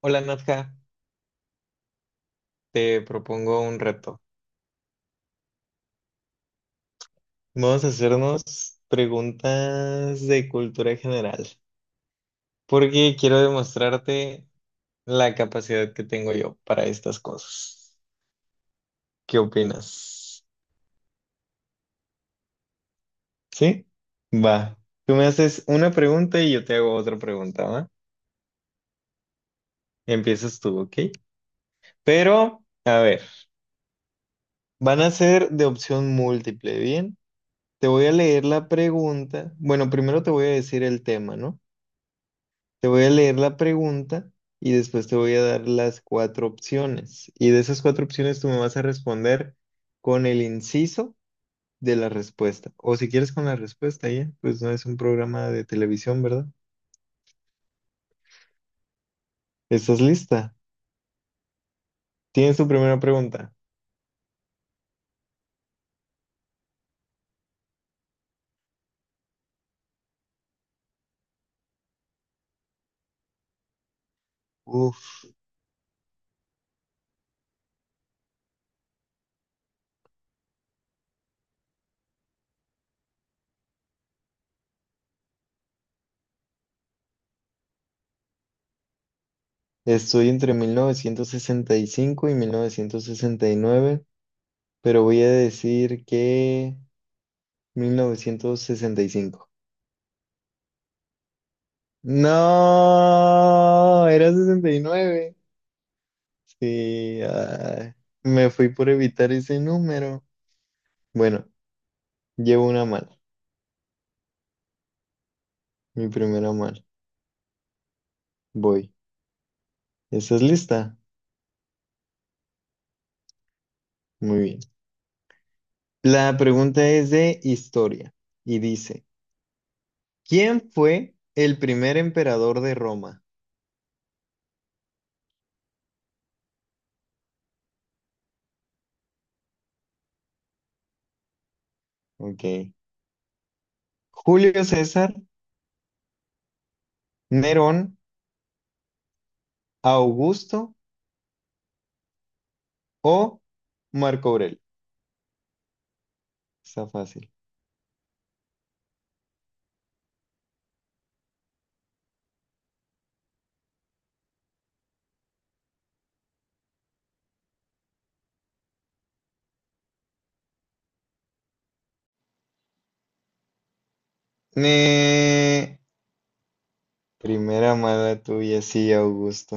Hola Nadja, te propongo un reto. Vamos a hacernos preguntas de cultura general, porque quiero demostrarte la capacidad que tengo yo para estas cosas. ¿Qué opinas? ¿Sí? Va. Tú me haces una pregunta y yo te hago otra pregunta, ¿va? Empiezas tú, ¿ok? Pero, a ver, van a ser de opción múltiple, ¿bien? Te voy a leer la pregunta. Bueno, primero te voy a decir el tema, ¿no? Te voy a leer la pregunta y después te voy a dar las cuatro opciones. Y de esas cuatro opciones tú me vas a responder con el inciso de la respuesta. O si quieres con la respuesta ya, pues no es un programa de televisión, ¿verdad? ¿Estás lista? Tienes tu primera pregunta. Uf, estoy entre 1965 y 1969, pero voy a decir que 1965. No, era 69. Sí, ay, me fui por evitar ese número. Bueno, llevo una mala, mi primera mala. Voy. ¿Estás lista? Muy bien. La pregunta es de historia y dice, ¿quién fue el primer emperador de Roma? Ok. ¿Julio César, Nerón, Augusto o Marco Aurelio? Está fácil. Eh, primera mala tuya, sí, Augusto.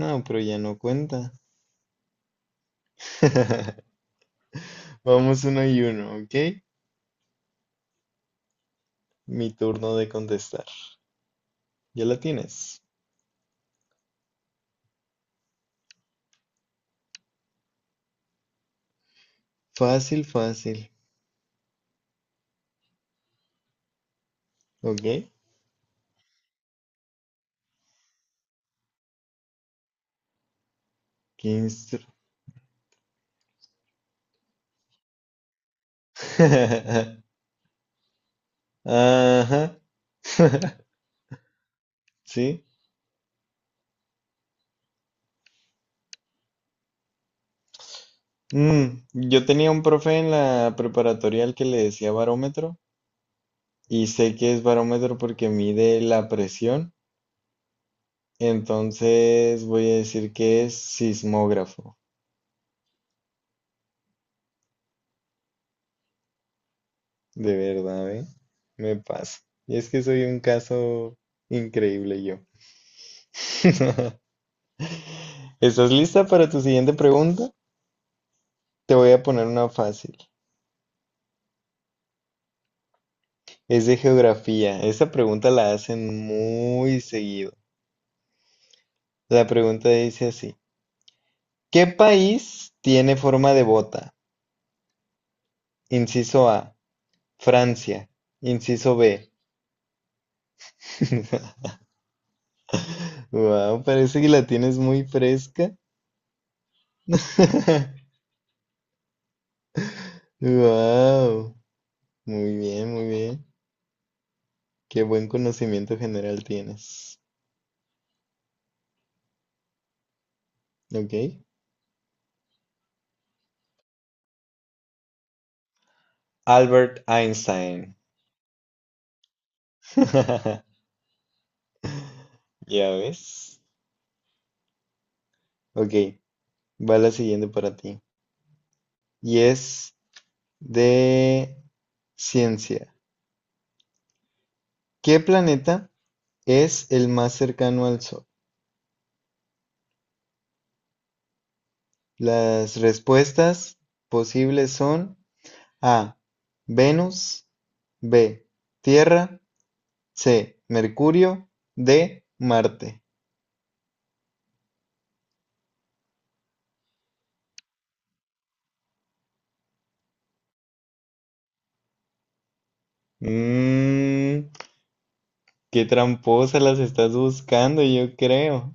No, pero ya no cuenta. Vamos uno y uno, ¿ok? Mi turno de contestar. Ya la tienes. Fácil, fácil. ¿Ok? ¿Qué instru- Ajá. Sí. Yo tenía un profe en la preparatorial que le decía barómetro y sé que es barómetro porque mide la presión. Entonces voy a decir que es sismógrafo. De verdad, ¿eh? Me pasa. Y es que soy un caso increíble yo. ¿Estás lista para tu siguiente pregunta? Te voy a poner una fácil. Es de geografía. Esta pregunta la hacen muy seguido. La pregunta dice así. ¿Qué país tiene forma de bota? Inciso A, Francia. Inciso B. Wow, parece que la tienes muy fresca. Wow, muy bien, muy bien. Qué buen conocimiento general tienes. ¿Ok? Albert Einstein. Ya ves. Ok, va la siguiente para ti. Y es de ciencia. ¿Qué planeta es el más cercano al Sol? Las respuestas posibles son A, Venus, B, Tierra, C, Mercurio, D, Marte. Mmm, qué tramposa las estás buscando, yo creo.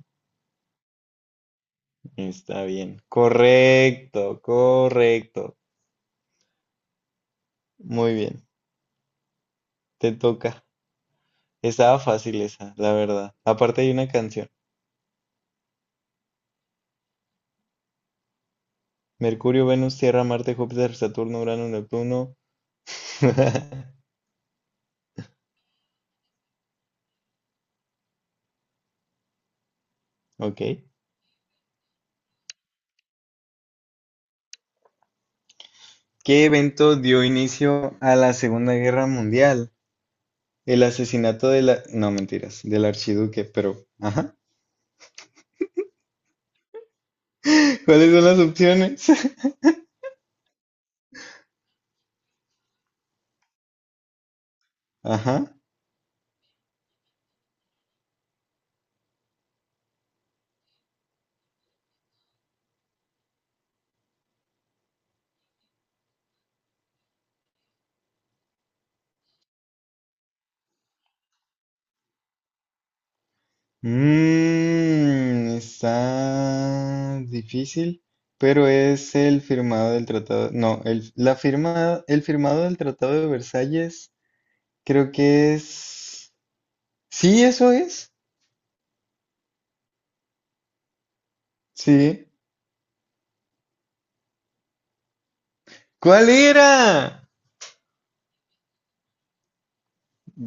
Está bien. Correcto, correcto. Muy bien, te toca. Estaba fácil esa, la verdad. Aparte hay una canción. Mercurio, Venus, Tierra, Marte, Júpiter, Saturno, Urano, Neptuno. Ok. ¿Qué evento dio inicio a la Segunda Guerra Mundial? El asesinato de la... No, mentiras, del archiduque, pero... Ajá. ¿Cuáles son las opciones? Ajá. Mm, está difícil, pero es el firmado del tratado. No, el, la firma, el firmado del Tratado de Versalles, creo que es. Sí, eso es. Sí. ¿Cuál era?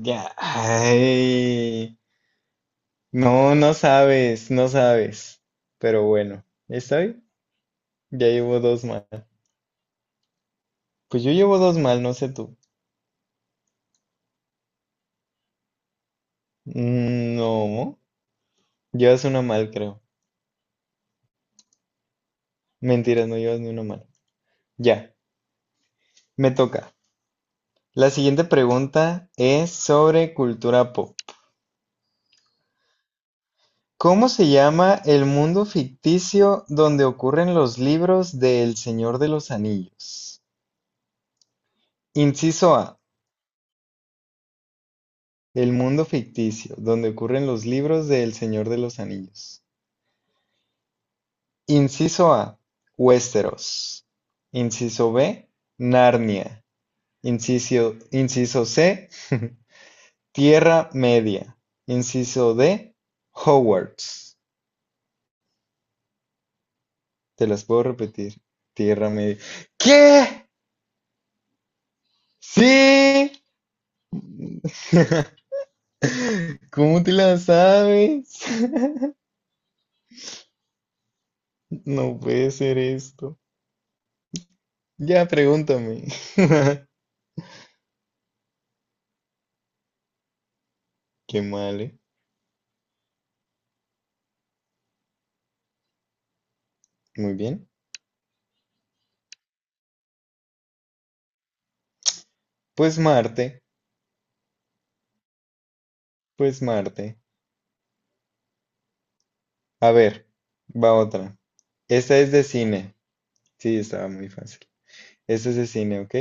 Ya. Ay. No, no sabes, no sabes. Pero bueno, ¿está bien? Ya llevo dos mal. Pues yo llevo dos mal, no sé tú. No, llevas una mal, creo. Mentiras, no llevas ni una mal. Ya, me toca. La siguiente pregunta es sobre cultura pop. ¿Cómo se llama el mundo ficticio donde ocurren los libros de El Señor de los Anillos? Inciso A, el mundo ficticio donde ocurren los libros de El Señor de los Anillos. Inciso A, Westeros. Inciso B, Narnia. Inciso C, Tierra Media. Inciso D, Hogwarts. Te las puedo repetir. Tierra Media. ¿Qué? ¡Sí! ¿Cómo te la sabes? No puede ser esto. Ya, pregúntame. Qué mal, ¿eh? Muy bien. Pues Marte, pues Marte. A ver, va otra. Esta es de cine. Sí, estaba muy fácil. Esta es de cine, ¿ok?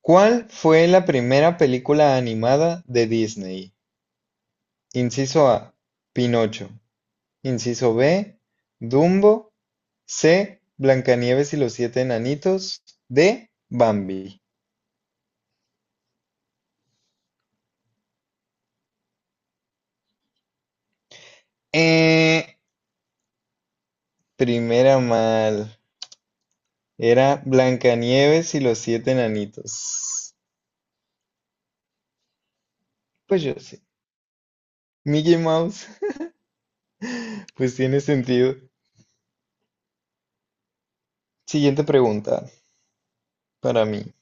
¿Cuál fue la primera película animada de Disney? Inciso A, Pinocho. Inciso B: Dumbo; C: Blancanieves y los siete enanitos; D: Bambi. Eh, primera mal. Era Blancanieves y los siete enanitos. Pues yo sé. Mickey Mouse, pues tiene sentido. Siguiente pregunta para mí.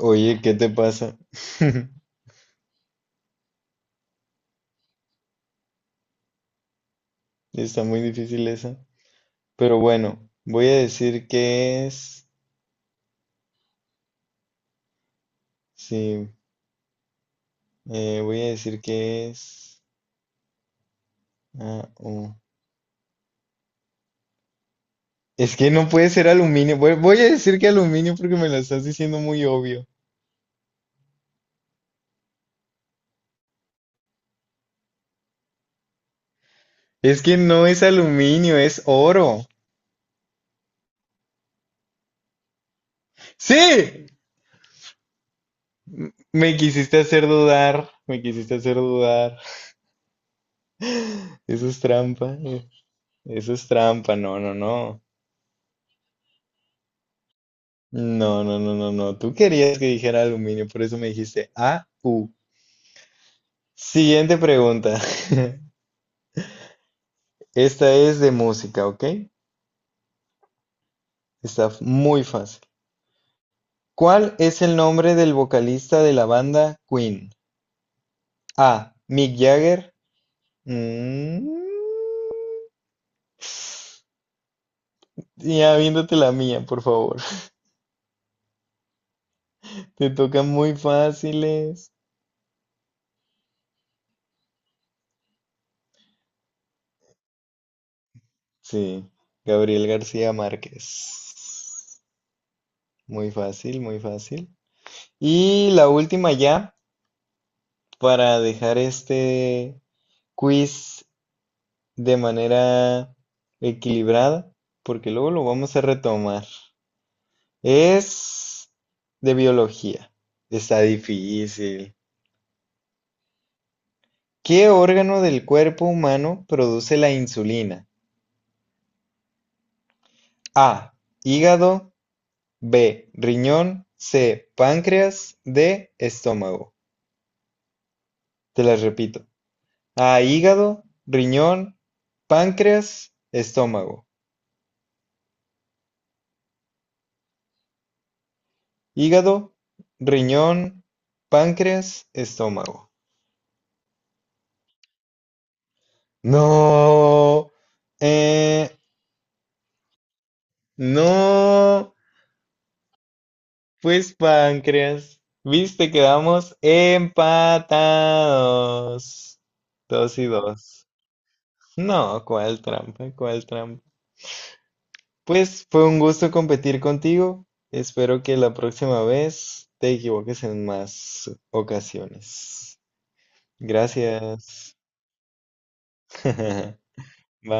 Oye, ¿qué te pasa? Está muy difícil esa. Pero bueno, voy a decir que es. Sí, voy a decir que es. Ah, oh. Es que no puede ser aluminio. Voy a decir que aluminio porque me lo estás diciendo muy obvio. Es que no es aluminio, es oro. ¡Sí! M- Me quisiste hacer dudar. Me quisiste hacer dudar. Eso es trampa. Eso es trampa. No, no, no. No, no, no, no, no. Tú querías que dijera aluminio, por eso me dijiste AU. Siguiente pregunta. Esta es de música, ¿ok? Está muy fácil. ¿Cuál es el nombre del vocalista de la banda Queen? A. Mick Jagger. Mm, Ya viéndote la mía, por favor. Te tocan muy fáciles. Sí, Gabriel García Márquez. Muy fácil, muy fácil. Y la última ya, para dejar este quiz de manera equilibrada, porque luego lo vamos a retomar. Es de biología. Está difícil. ¿Qué órgano del cuerpo humano produce la insulina? A. Hígado. B. Riñón. C. Páncreas. D. Estómago. Te las repito. A. Hígado. Riñón. Páncreas. Estómago. Hígado. Riñón. Páncreas. Estómago. No. Eh, no. Pues páncreas. Viste, quedamos empatados. Dos y dos. No, cuál trampa, cuál trampa. Pues fue un gusto competir contigo. Espero que la próxima vez te equivoques en más ocasiones. Gracias. Bye.